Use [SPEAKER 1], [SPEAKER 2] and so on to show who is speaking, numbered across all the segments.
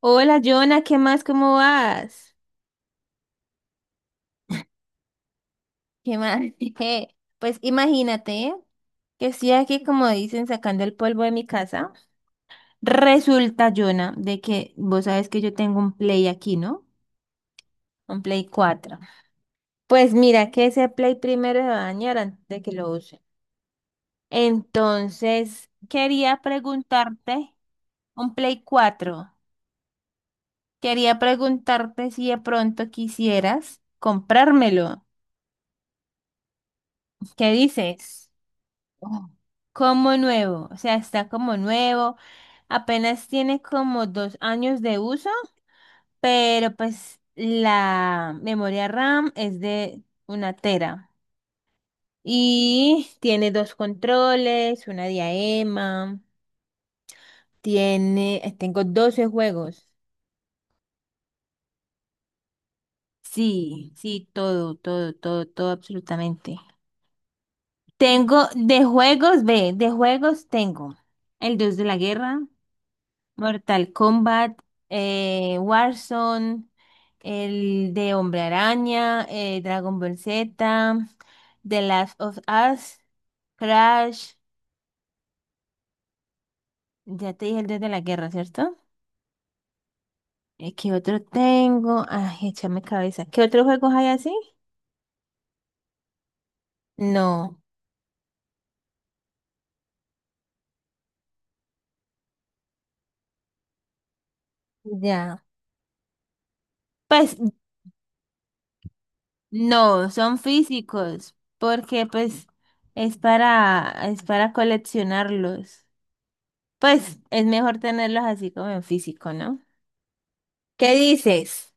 [SPEAKER 1] Hola, Jonah, ¿qué más? ¿Cómo vas? ¿Qué más? Pues imagínate que estoy aquí, como dicen, sacando el polvo de mi casa. Resulta, Jonah, de que vos sabes que yo tengo un Play aquí, ¿no? Un Play 4. Pues mira que ese Play primero se va a dañar antes de que lo use. Entonces, quería preguntarte, un Play 4. Quería preguntarte si de pronto quisieras comprármelo. ¿Qué dices? Oh. Como nuevo, o sea, está como nuevo, apenas tiene como 2 años de uso, pero pues la memoria RAM es de una tera y tiene dos controles, una diadema, tengo 12 juegos. Sí, sí, todo, todo, todo, todo, absolutamente. Tengo de juegos, ve, de juegos tengo el Dios de la Guerra. Mortal Kombat, Warzone, el de Hombre Araña, Dragon Ball Z, The Last of Us, Crash, ya te dije el Dios de la Guerra, ¿cierto? ¿Qué otro tengo? Ay, échame cabeza. ¿Qué otros juegos hay así? No, ya. Pues no, son físicos, porque pues es para coleccionarlos. Pues es mejor tenerlos así como en físico, ¿no? ¿Qué dices?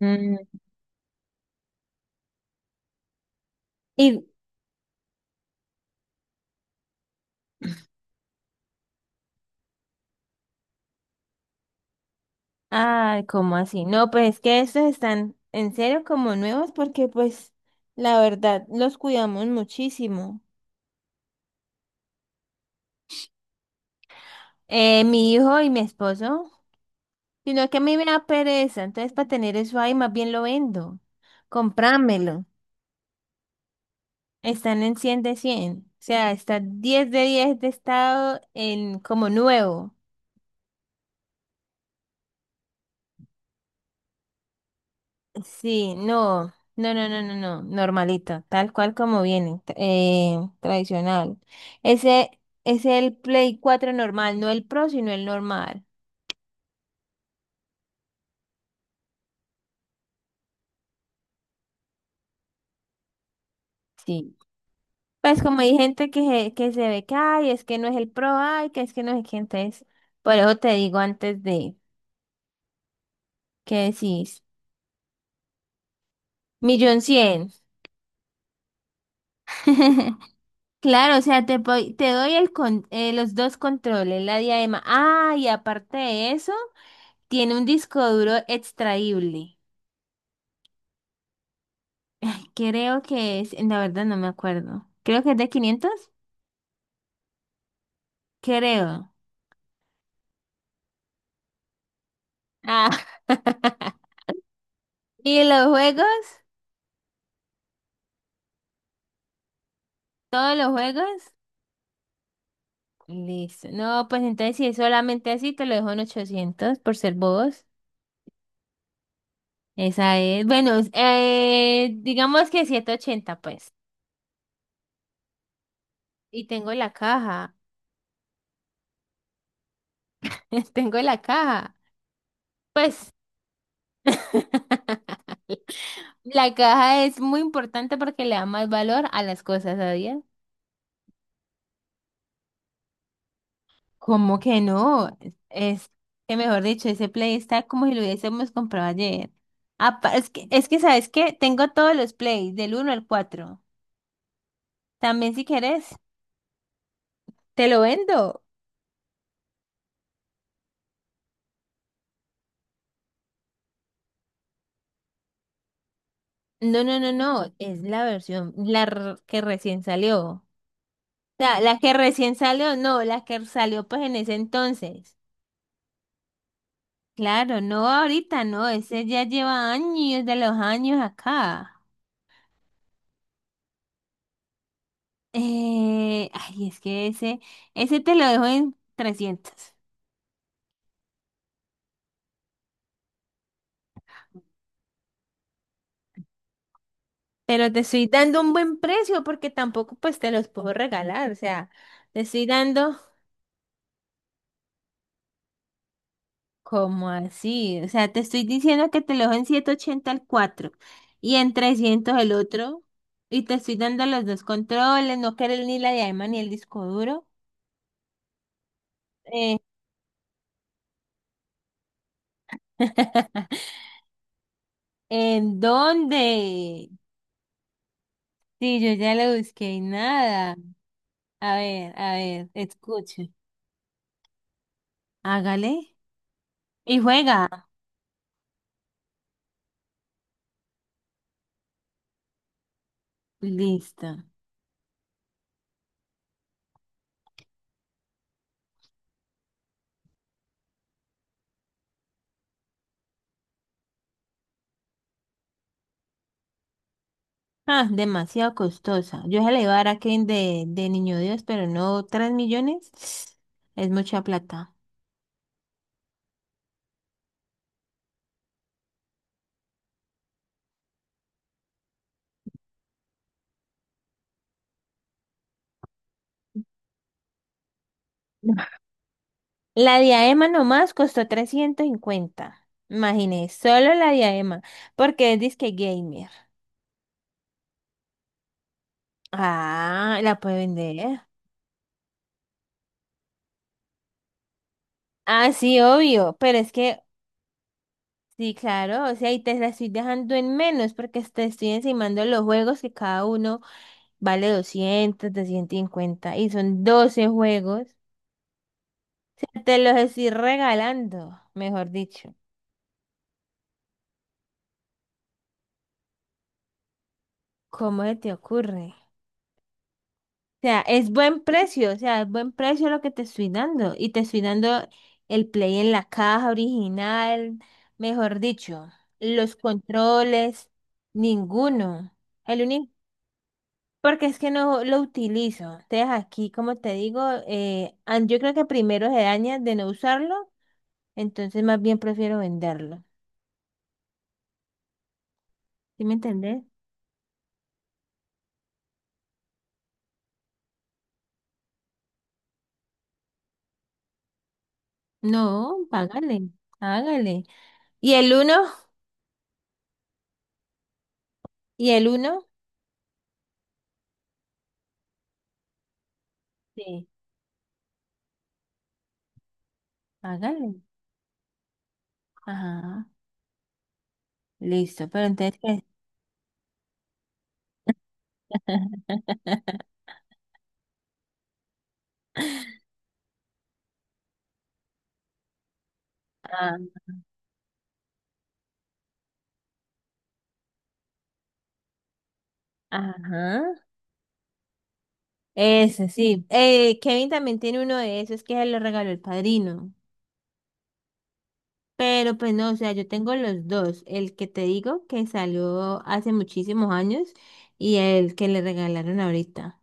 [SPEAKER 1] Mm. Y, ah, ¿cómo así? No, pues es que estos están en serio como nuevos porque pues la verdad los cuidamos muchísimo. Mi hijo y mi esposo, sino que a mí me da pereza, entonces para tener eso ahí más bien lo vendo. Comprámelo. Están en 100 de 100, o sea, está 10 de estado en como nuevo. Sí, no, no, no, no, no, no, normalito, tal cual como viene, tradicional. Ese es el Play 4 normal, no el Pro, sino el normal. Sí. Pues como hay gente que se, ve que, ay, es que no es el Pro, ay, que es que no es que entonces, por eso te digo antes de, ¿qué decís? Millón cien. Claro, o sea, te doy los dos controles, la diadema. Ah, y aparte de eso, tiene un disco duro extraíble. Creo que es, la verdad no me acuerdo. Creo que es de 500. Creo. Ah. ¿Y los juegos? ¿Todos los juegos? Listo. No, pues entonces si es solamente así, te lo dejo en 800 por ser bobos. Esa es. Bueno, digamos que 180 pues. Y tengo la caja. Tengo la caja. Pues. La caja es muy importante porque le da más valor a las cosas, ¿sabías? ¿Cómo que no? Es que mejor dicho, ese play está como si lo hubiésemos comprado ayer. Es que, ¿sabes qué? Tengo todos los plays, del uno al cuatro. También si querés, te lo vendo. No, no, no, no, es la versión, que recién salió. O sea, la que recién salió, no, la que salió pues en ese entonces. Claro, no ahorita, no, ese ya lleva años de los años acá. Es que ese te lo dejo en 300. Pero te estoy dando un buen precio porque tampoco pues te los puedo regalar. O sea, te estoy dando como así. O sea, te estoy diciendo que te lo dejo en 180 el 4 y en 300 el otro. Y te estoy dando los dos controles, no querés ni la diadema ni el disco duro. Eh. ¿En dónde? Sí, yo ya lo busqué y nada. A ver, escuche. Hágale y juega. Listo. Ah, demasiado costosa. Yo se la iba a dar a Kevin de Niño Dios, pero no, 3 millones es mucha plata. La diadema nomás costó 350. Imagínese, solo la diadema, porque es disque gamer. Ah, la puede vender. Ah, sí, obvio, pero es que, sí, claro, o sea, y te la estoy dejando en menos porque te estoy encimando los juegos que cada uno vale 200, 250 y son 12 juegos. Te los estoy regalando, mejor dicho. ¿Cómo se te ocurre? O sea, es buen precio, o sea, es buen precio lo que te estoy dando. Y te estoy dando el play en la caja original, mejor dicho, los controles, ninguno. El único, porque es que no lo utilizo. Entonces aquí, como te digo, yo creo que primero se daña de no usarlo, entonces más bien prefiero venderlo. ¿Sí me entendés? No, págale, hágale. ¿Y el uno? ¿Y el uno? Sí, hágale. Ajá, listo, pero entonces... ¿qué? Ah, ajá, ese sí. Kevin también tiene uno de esos que se lo regaló el padrino. Pero pues no, o sea, yo tengo los dos. El que te digo que salió hace muchísimos años y el que le regalaron ahorita.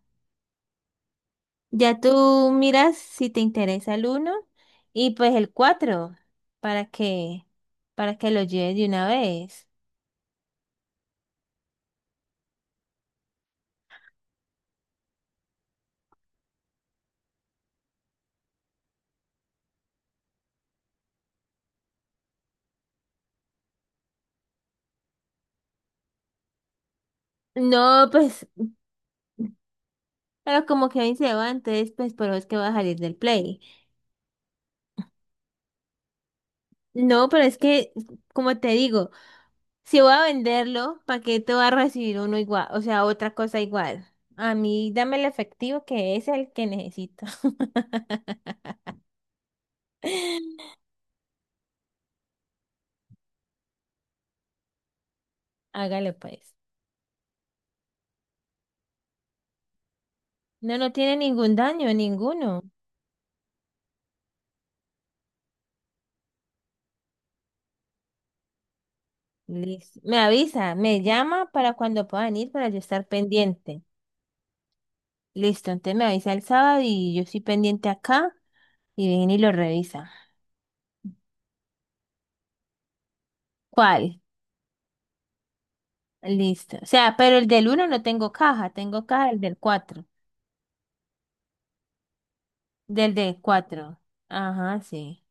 [SPEAKER 1] Ya tú miras si te interesa el uno y pues el cuatro para que para que lo lleves de una vez. No, pues, pero como que ahí se va, entonces, pues, por eso es que va a salir del Play. No, pero es que, como te digo, si voy a venderlo, ¿para qué te va a recibir uno igual? O sea, otra cosa igual. A mí, dame el efectivo que es el que necesito. Hágale, pues. No, no tiene ningún daño, ninguno. Listo. Me avisa, me llama para cuando puedan ir, para yo estar pendiente. Listo, entonces me avisa el sábado y yo estoy pendiente acá y viene y lo revisa. ¿Cuál? Listo. O sea, pero el del uno no tengo caja, tengo caja del cuatro. Del 4. Ajá, sí.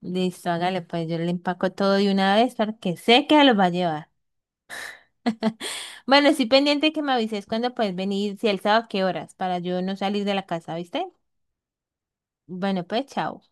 [SPEAKER 1] Listo, hágale, pues yo le empaco todo de una vez porque sé que se los va a llevar. Bueno, estoy pendiente que me avises cuando puedes venir, si el sábado, qué horas, para yo no salir de la casa, ¿viste? Bueno, pues chao.